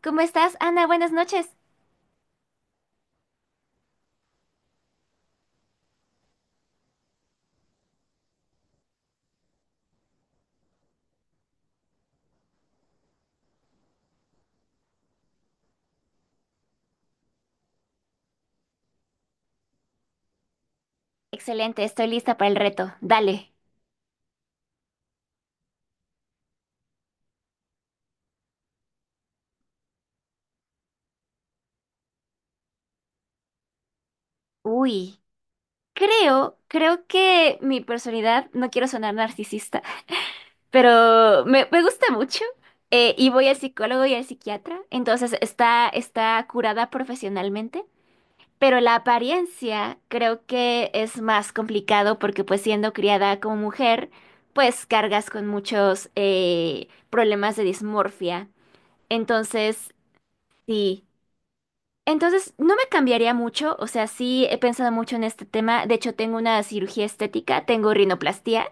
¿Cómo estás, Ana? Buenas noches. Excelente, estoy lista para el reto. Dale. Uy, creo que mi personalidad, no quiero sonar narcisista, pero me gusta mucho y voy al psicólogo y al psiquiatra, entonces está curada profesionalmente, pero la apariencia creo que es más complicado porque pues siendo criada como mujer, pues cargas con muchos problemas de dismorfia. Entonces, sí. Entonces, no me cambiaría mucho, o sea, sí he pensado mucho en este tema, de hecho tengo una cirugía estética, tengo rinoplastia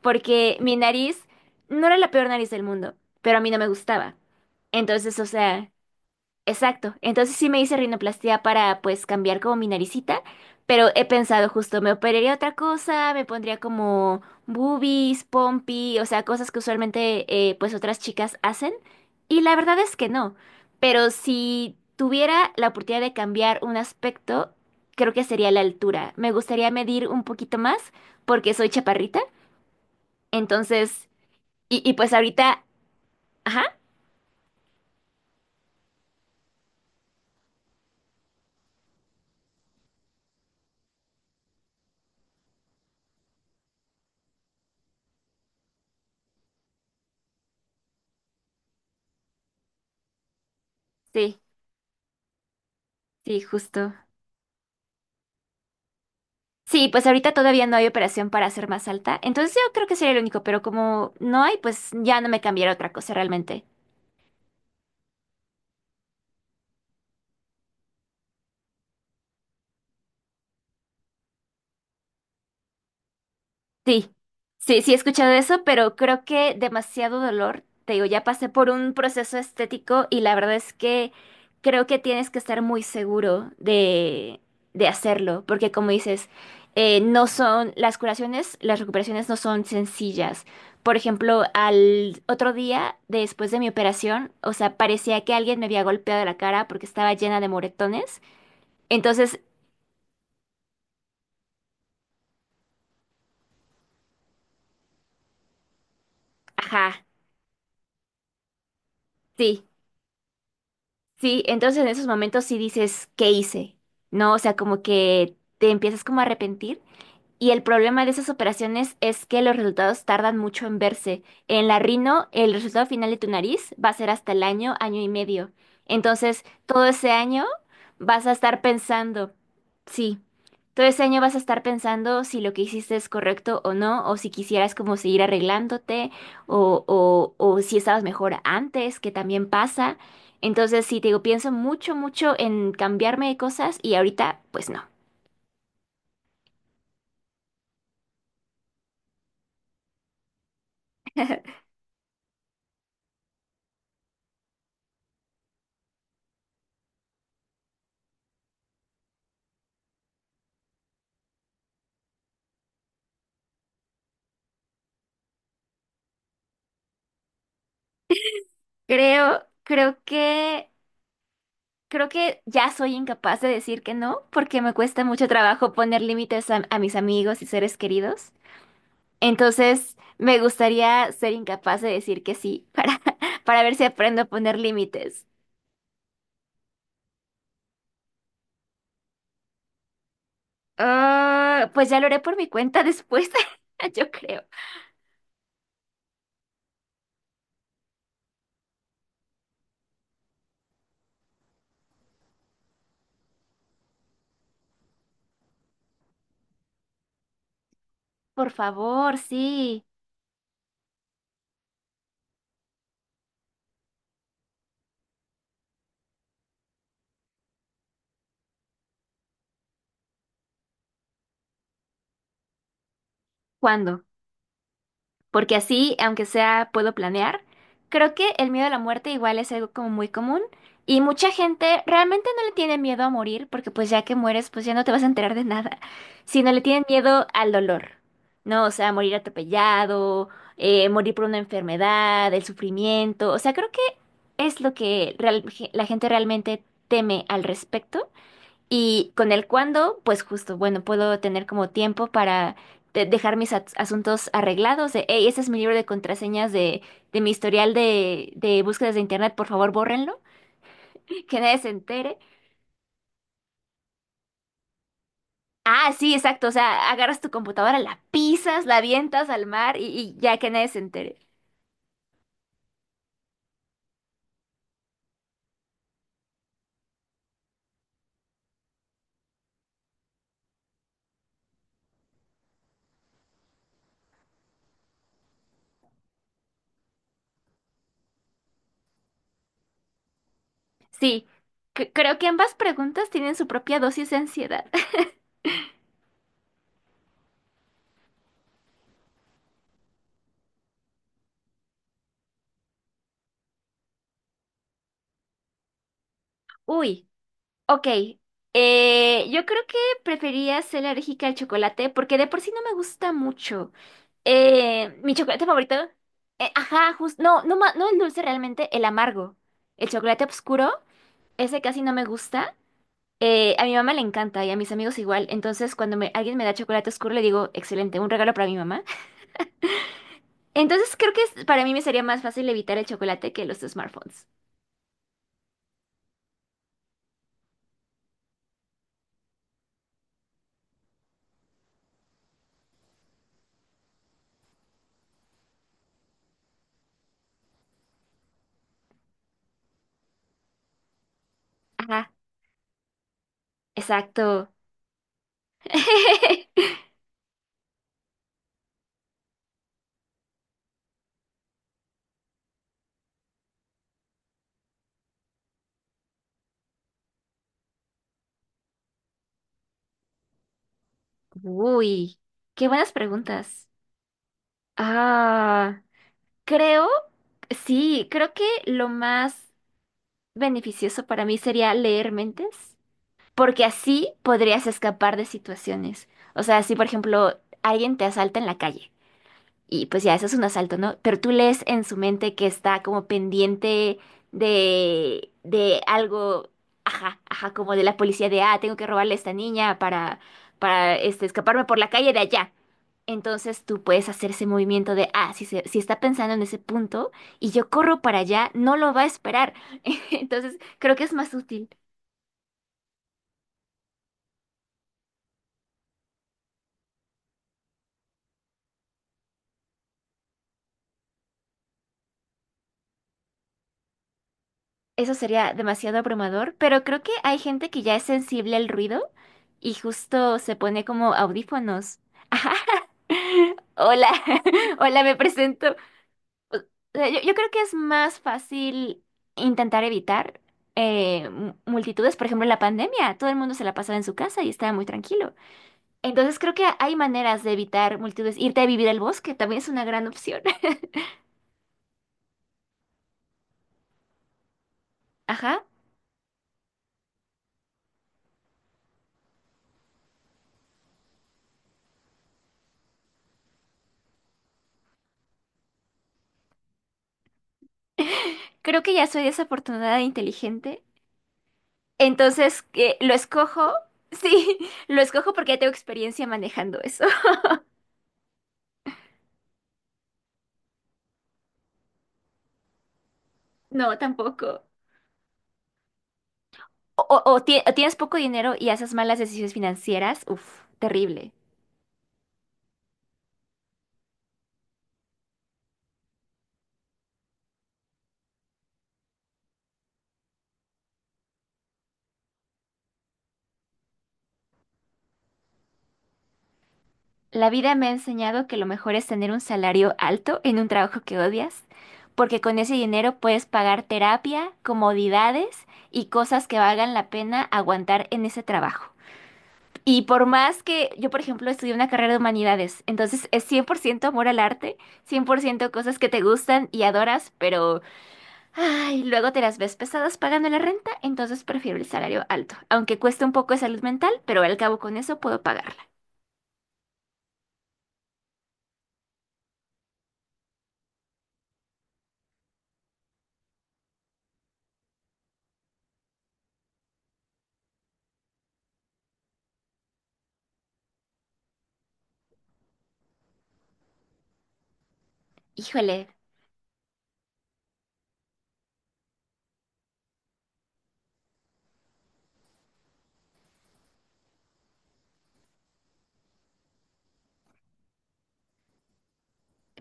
porque mi nariz no era la peor nariz del mundo, pero a mí no me gustaba. Entonces, o sea, exacto. Entonces sí me hice rinoplastia para pues cambiar como mi naricita, pero he pensado justo, me operaría otra cosa, me pondría como boobies, pompi, o sea, cosas que usualmente pues otras chicas hacen. Y la verdad es que no. Pero si tuviera la oportunidad de cambiar un aspecto, creo que sería la altura. Me gustaría medir un poquito más porque soy chaparrita. Entonces, y pues ahorita, ajá, sí, sí, justo. Sí, pues ahorita todavía no hay operación para hacer más alta, entonces yo creo que sería el único, pero como no hay, pues ya no me cambiará otra cosa realmente. Sí, sí, sí he escuchado eso, pero creo que demasiado dolor. Te digo, ya pasé por un proceso estético y la verdad es que creo que tienes que estar muy seguro de hacerlo, porque como dices, no son las curaciones, las recuperaciones no son sencillas. Por ejemplo, al otro día después de mi operación, o sea, parecía que alguien me había golpeado la cara porque estaba llena de moretones. Entonces, ajá. Sí, sí, entonces en esos momentos sí dices, ¿qué hice? ¿No? O sea, como que te empiezas como a arrepentir. Y el problema de esas operaciones es que los resultados tardan mucho en verse. En la rino, el resultado final de tu nariz va a ser hasta el año, año y medio. Entonces, todo ese año vas a estar pensando, sí, todo ese año vas a estar pensando si lo que hiciste es correcto o no, o si quisieras como seguir arreglándote, o si estabas mejor antes, que también pasa. Entonces, sí, te digo, pienso mucho, mucho en cambiarme de cosas y ahorita, pues no. Creo, creo que Creo que ya soy incapaz de decir que no, porque me cuesta mucho trabajo poner límites a mis amigos y seres queridos. Entonces, me gustaría ser incapaz de decir que sí para ver si aprendo a poner límites. Ah, pues ya lo haré por mi cuenta después, yo creo. Por favor, sí. ¿Cuándo? Porque así, aunque sea, puedo planear. Creo que el miedo a la muerte igual es algo como muy común y mucha gente realmente no le tiene miedo a morir porque pues ya que mueres pues ya no te vas a enterar de nada, sino le tienen miedo al dolor, ¿no? O sea, morir atropellado, morir por una enfermedad, el sufrimiento, o sea, creo que es lo que la gente realmente teme al respecto. Y con el cuándo, pues justo, bueno, puedo tener como tiempo para dejar mis asuntos arreglados. De, hey, ese es mi libro de contraseñas de mi historial de búsquedas de internet, por favor, bórrenlo, que nadie se entere. Ah, sí, exacto, o sea, agarras tu computadora, la pisas, la avientas al mar y ya que nadie se entere. Sí, creo que ambas preguntas tienen su propia dosis de ansiedad. Uy, ok. Yo creo que prefería ser alérgica al chocolate porque de por sí no me gusta mucho. Mi chocolate favorito. Eh, ajá, justo. No, no, no el dulce realmente, el amargo. El chocolate oscuro, ese casi no me gusta. A mi mamá le encanta y a mis amigos igual. Entonces, cuando alguien me da chocolate oscuro, le digo, excelente, un regalo para mi mamá. Entonces, creo que para mí me sería más fácil evitar el chocolate que los smartphones. Ajá, exacto. Uy, qué buenas preguntas. Ah, creo, sí, creo que lo más beneficioso para mí sería leer mentes, porque así podrías escapar de situaciones. O sea, si por ejemplo alguien te asalta en la calle y pues ya eso es un asalto, ¿no? Pero tú lees en su mente que está como pendiente de algo, ajá, ajá, como de la policía de, ah, tengo que robarle a esta niña para escaparme por la calle de allá. Entonces tú puedes hacer ese movimiento de, ah, si, si está pensando en ese punto y yo corro para allá, no lo va a esperar. Entonces creo que es más útil. Eso sería demasiado abrumador, pero creo que hay gente que ya es sensible al ruido y justo se pone como audífonos. Hola, hola, me presento. O sea, yo creo que es más fácil intentar evitar multitudes. Por ejemplo, en la pandemia, todo el mundo se la pasaba en su casa y estaba muy tranquilo. Entonces creo que hay maneras de evitar multitudes. Irte a vivir al bosque también es una gran opción. Ajá. Creo que ya soy desafortunada e inteligente. Entonces, ¿qué? ¿Lo escojo? Sí, lo escojo porque ya tengo experiencia manejando eso. No, tampoco. O tienes poco dinero y haces malas decisiones financieras. Uf, terrible. La vida me ha enseñado que lo mejor es tener un salario alto en un trabajo que odias, porque con ese dinero puedes pagar terapia, comodidades y cosas que valgan la pena aguantar en ese trabajo. Y por más que yo, por ejemplo, estudié una carrera de humanidades, entonces es 100% amor al arte, 100% cosas que te gustan y adoras, pero ay, luego te las ves pesadas pagando la renta, entonces prefiero el salario alto, aunque cueste un poco de salud mental, pero al cabo con eso puedo pagarla. Híjole,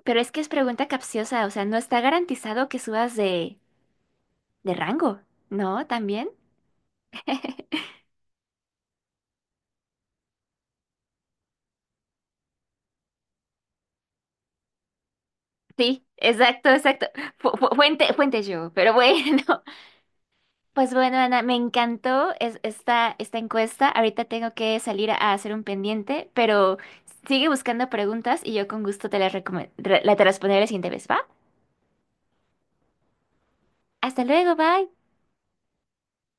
pero es que es pregunta capciosa, o sea, no está garantizado que subas de rango, ¿no? ¿También? Sí, exacto, exacto. Fuente yo, pero bueno. Pues bueno, Ana, me encantó esta, esta encuesta. Ahorita tengo que salir a hacer un pendiente, pero sigue buscando preguntas y yo con gusto te las recome- re- la te responderé la siguiente vez, ¿va? Hasta luego, bye.